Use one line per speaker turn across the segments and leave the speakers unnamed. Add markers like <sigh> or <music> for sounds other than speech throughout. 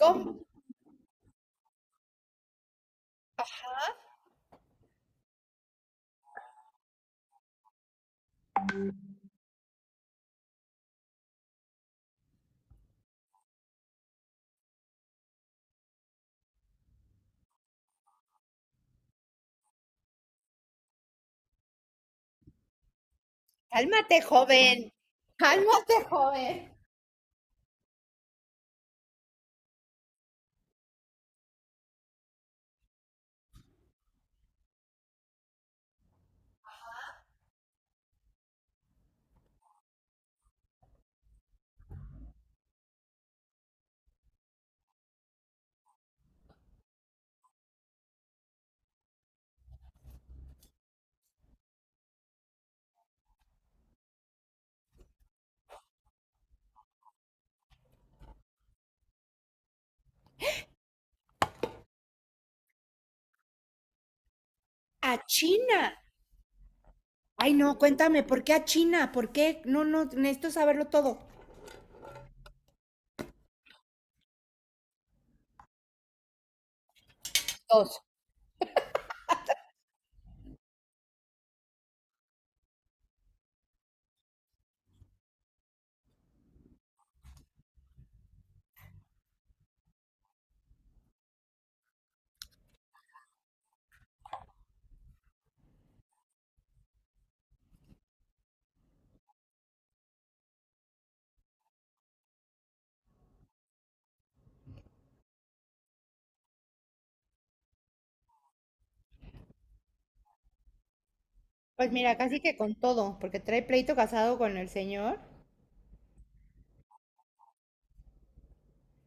¿Cómo? Cálmate, joven. Cálmate, joven. A China. Ay, no, cuéntame, ¿por qué a China? ¿Por qué? No, no, necesito saberlo todo. Dos. Pues mira, casi que con todo, porque trae pleito casado con el señor,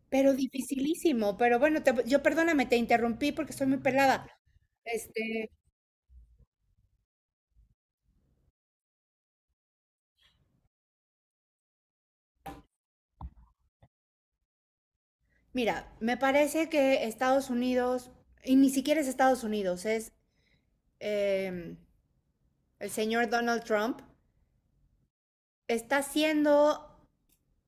pero dificilísimo. Pero bueno, yo perdóname, te interrumpí porque estoy muy pelada. Este, mira, me parece que Estados Unidos, y ni siquiera es Estados Unidos, es em, el señor Donald Trump, está haciendo,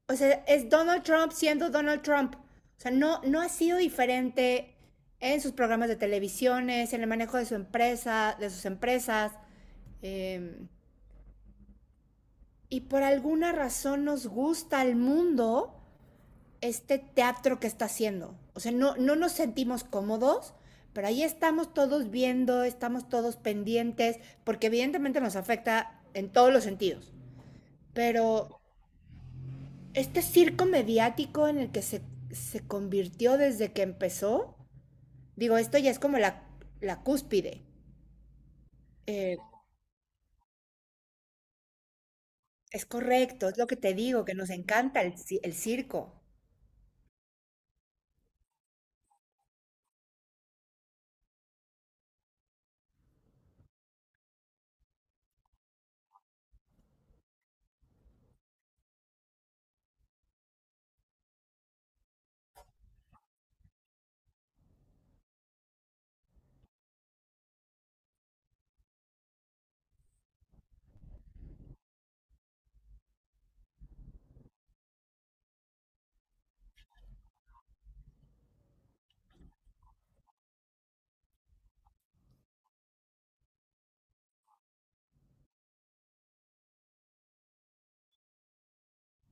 o sea, es Donald Trump siendo Donald Trump. O sea, no, no ha sido diferente en sus programas de televisiones, en el manejo de su empresa, de sus empresas. eh, y por alguna razón nos gusta al mundo este teatro que está haciendo. O sea, no, no nos sentimos cómodos, pero ahí estamos todos viendo, estamos todos pendientes, porque evidentemente nos afecta en todos los sentidos. Pero este circo mediático en el que se convirtió desde que empezó, digo, esto ya es como la cúspide. Eh, es correcto, es lo que te digo, que nos encanta el circo.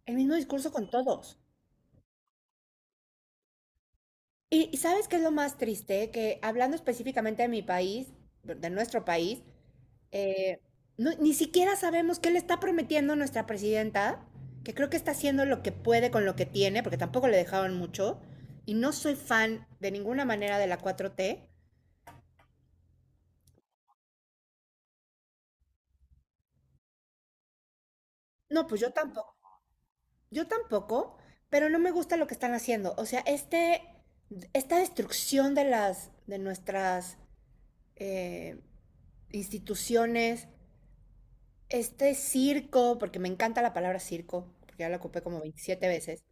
El mismo discurso con todos. ¿Sabes qué es lo más triste? Que hablando específicamente de mi país, de nuestro país. Eh, Ni siquiera sabemos qué le está prometiendo nuestra presidenta, que creo que está haciendo lo que puede con lo que tiene, porque tampoco le dejaron mucho. Y no soy fan de ninguna manera de la 4T. No, pues yo tampoco. Yo tampoco, pero no me gusta lo que están haciendo. O sea, este, esta destrucción de nuestras eh, instituciones, este circo, porque me encanta la palabra circo, porque ya la ocupé como 27 veces.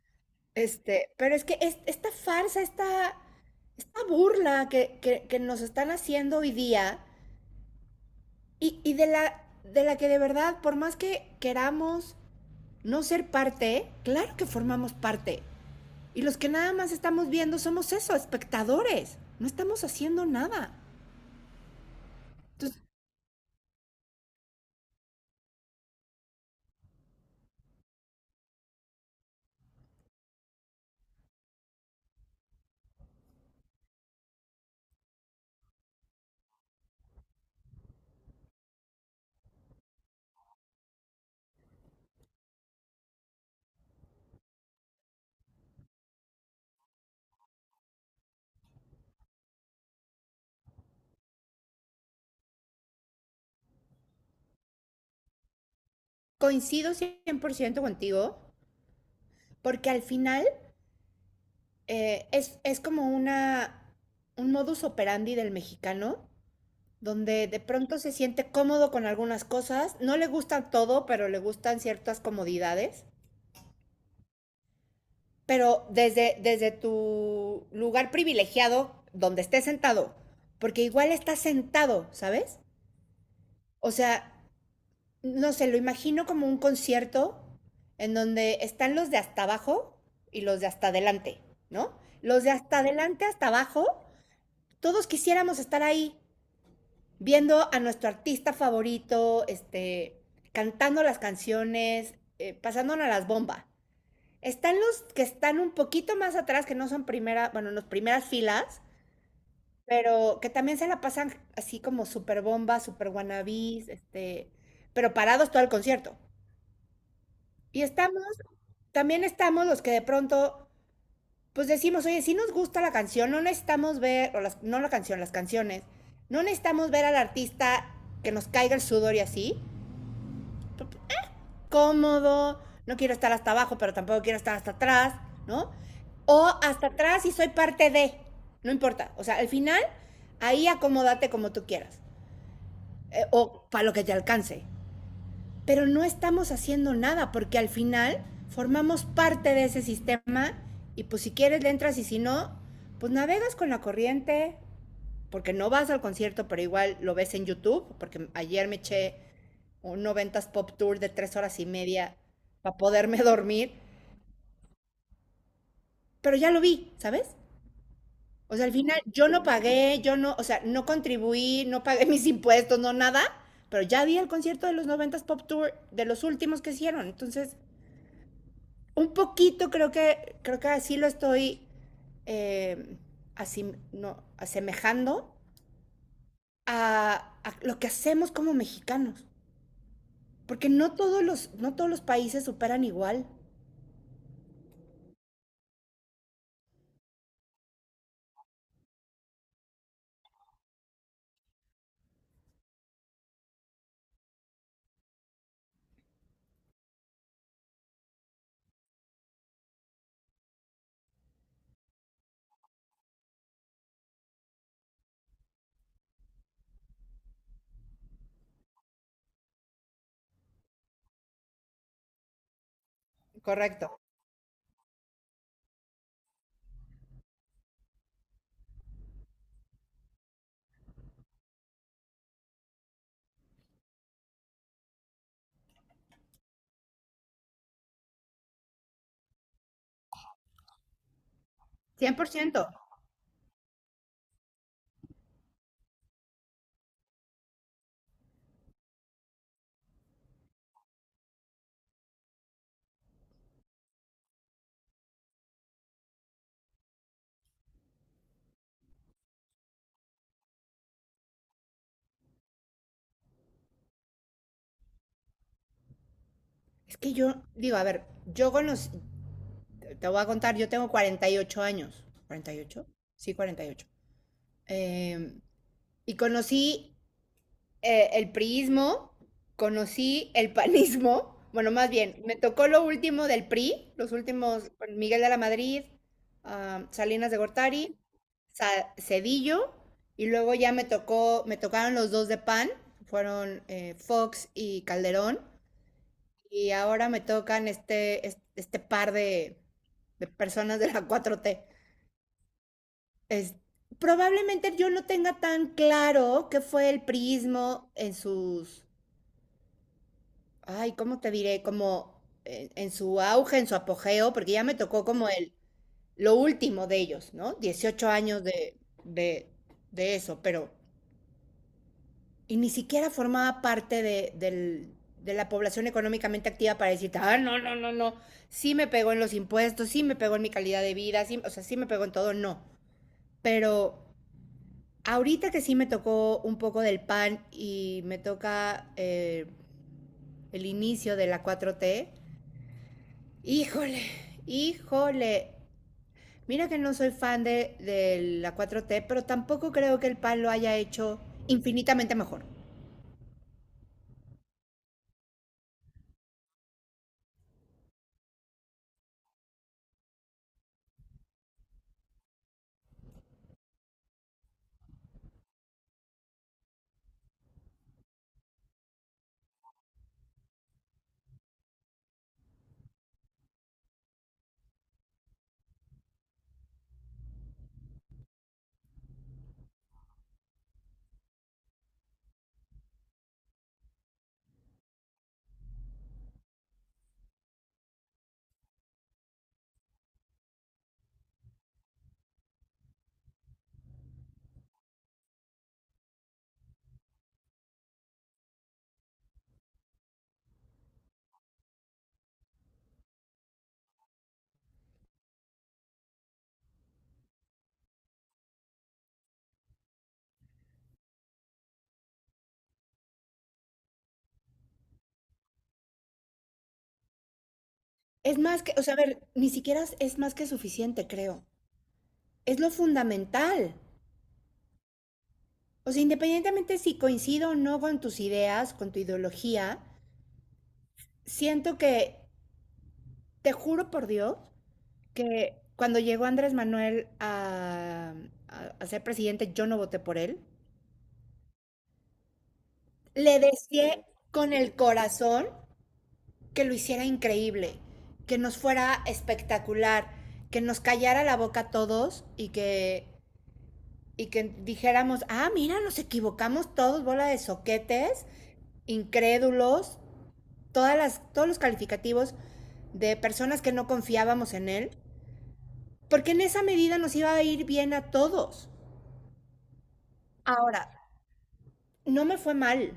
Este, pero es que esta farsa, esta burla que nos están haciendo hoy día y de la que, de verdad, por más que queramos no ser parte, claro que formamos parte. Y los que nada más estamos viendo somos eso, espectadores. No estamos haciendo nada. Entonces, coincido 100% contigo, porque al final es como un modus operandi del mexicano, donde de pronto se siente cómodo con algunas cosas, no le gusta todo, pero le gustan ciertas comodidades, pero desde tu lugar privilegiado, donde estés sentado, porque igual estás sentado, ¿sabes? O sea, no sé, lo imagino como un concierto en donde están los de hasta abajo y los de hasta adelante, ¿no? Los de hasta adelante, hasta abajo, todos quisiéramos estar ahí, viendo a nuestro artista favorito, este, cantando las canciones, pasándonos las bombas. Están los que están un poquito más atrás, que no son primera, bueno, las primeras filas, pero que también se la pasan así como super bomba, super wannabis, este, pero parados todo el concierto. Y estamos, también estamos los que de pronto, pues decimos, oye, si nos gusta la canción, no necesitamos ver, o las, no la canción, las canciones, no necesitamos ver al artista, que nos caiga el sudor y así, cómodo, no quiero estar hasta abajo, pero tampoco quiero estar hasta atrás, ¿no? O hasta atrás, y soy parte de, no importa. O sea, al final, ahí acomódate como tú quieras, o para lo que te alcance. Pero no estamos haciendo nada, porque al final formamos parte de ese sistema, y pues si quieres le entras y si no, pues navegas con la corriente, porque no vas al concierto, pero igual lo ves en YouTube, porque ayer me eché un noventas pop tour de 3 horas y media para poderme <laughs> dormir, pero ya lo vi, ¿sabes? O sea, al final yo no pagué, yo no, o sea, no contribuí, no pagué <laughs> mis impuestos, no nada, pero ya vi el concierto de los noventas pop tour de los últimos que hicieron, entonces un poquito creo que así lo estoy, eh, así, no, asemejando a lo que hacemos como mexicanos. Porque no todos los países superan igual. Correcto. 100%. Es que yo, digo, a ver, yo con los, te voy a contar, yo tengo 48 años. 48, sí, 48. Eh, y conocí el priismo, conocí el panismo. <laughs> Bueno, más bien, me tocó lo último del PRI, los últimos, con Miguel de la Madrid, ah, Salinas de Gortari, Cedillo, y luego ya me tocaron los dos de PAN, fueron Fox y Calderón. Y ahora me tocan este, este par de personas de la cuatro t. Es- Probablemente yo no tenga tan claro qué fue el prismo en sus, ay, ¿cómo te diré? Como en su auge, en su apogeo, porque ya me tocó como lo último de ellos, ¿no? 18 años de, de eso, pero y ni siquiera formaba parte de la población económicamente activa para decirte, ah, no, no, no, no, sí me pegó en los impuestos, sí me pegó en mi calidad de vida, sí, o sea, sí me pegó en todo, no. Pero ahorita que sí me tocó un poco del pan y me toca el inicio de la 4T, híjole, híjole. Mira que no soy fan de la 4T, pero tampoco creo que el pan lo haya hecho infinitamente mejor. Es más que, o sea, a ver, ni siquiera es más que suficiente, creo. Es lo fundamental. O sea, independientemente si coincido o no con tus ideas, con tu ideología, siento que, te juro por Dios, que cuando llegó Andrés Manuel a ser presidente, yo no voté por él. Le deseé con el corazón que lo hiciera increíble, que nos fuera espectacular, que nos callara la boca a todos y que dijéramos, ah, mira, nos equivocamos todos, bola de soquetes, incrédulos, todos los calificativos de personas que no confiábamos en él, porque en esa medida nos iba a ir bien a todos. Ahora, no me fue mal,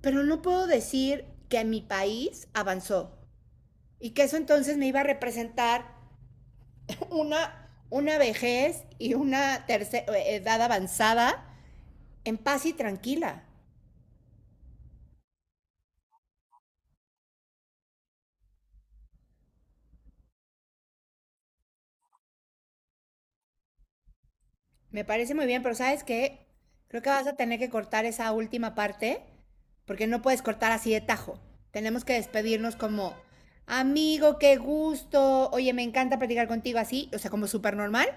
pero no puedo decir que mi país avanzó y que eso entonces me iba a representar una vejez y una tercera edad avanzada en paz y tranquila. Me parece muy bien, pero ¿sabes qué? Creo que vas a tener que cortar esa última parte, porque no puedes cortar así de tajo. Tenemos que despedirnos como, amigo, qué gusto, oye, me encanta platicar contigo así, o sea, como súper normal,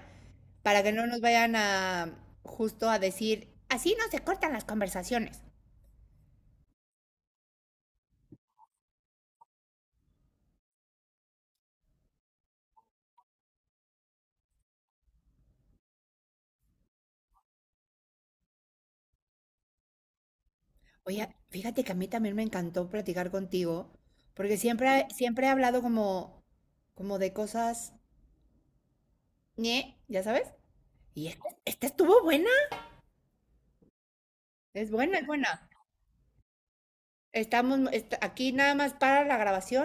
para que no nos vayan a justo a decir, así no se cortan las conversaciones. Oye, fíjate que a mí también me encantó platicar contigo, porque siempre, siempre he hablado como, como de cosas, ñe, ya sabes, y esta estuvo buena, es buena, es buena. Estamos aquí nada más para la grabación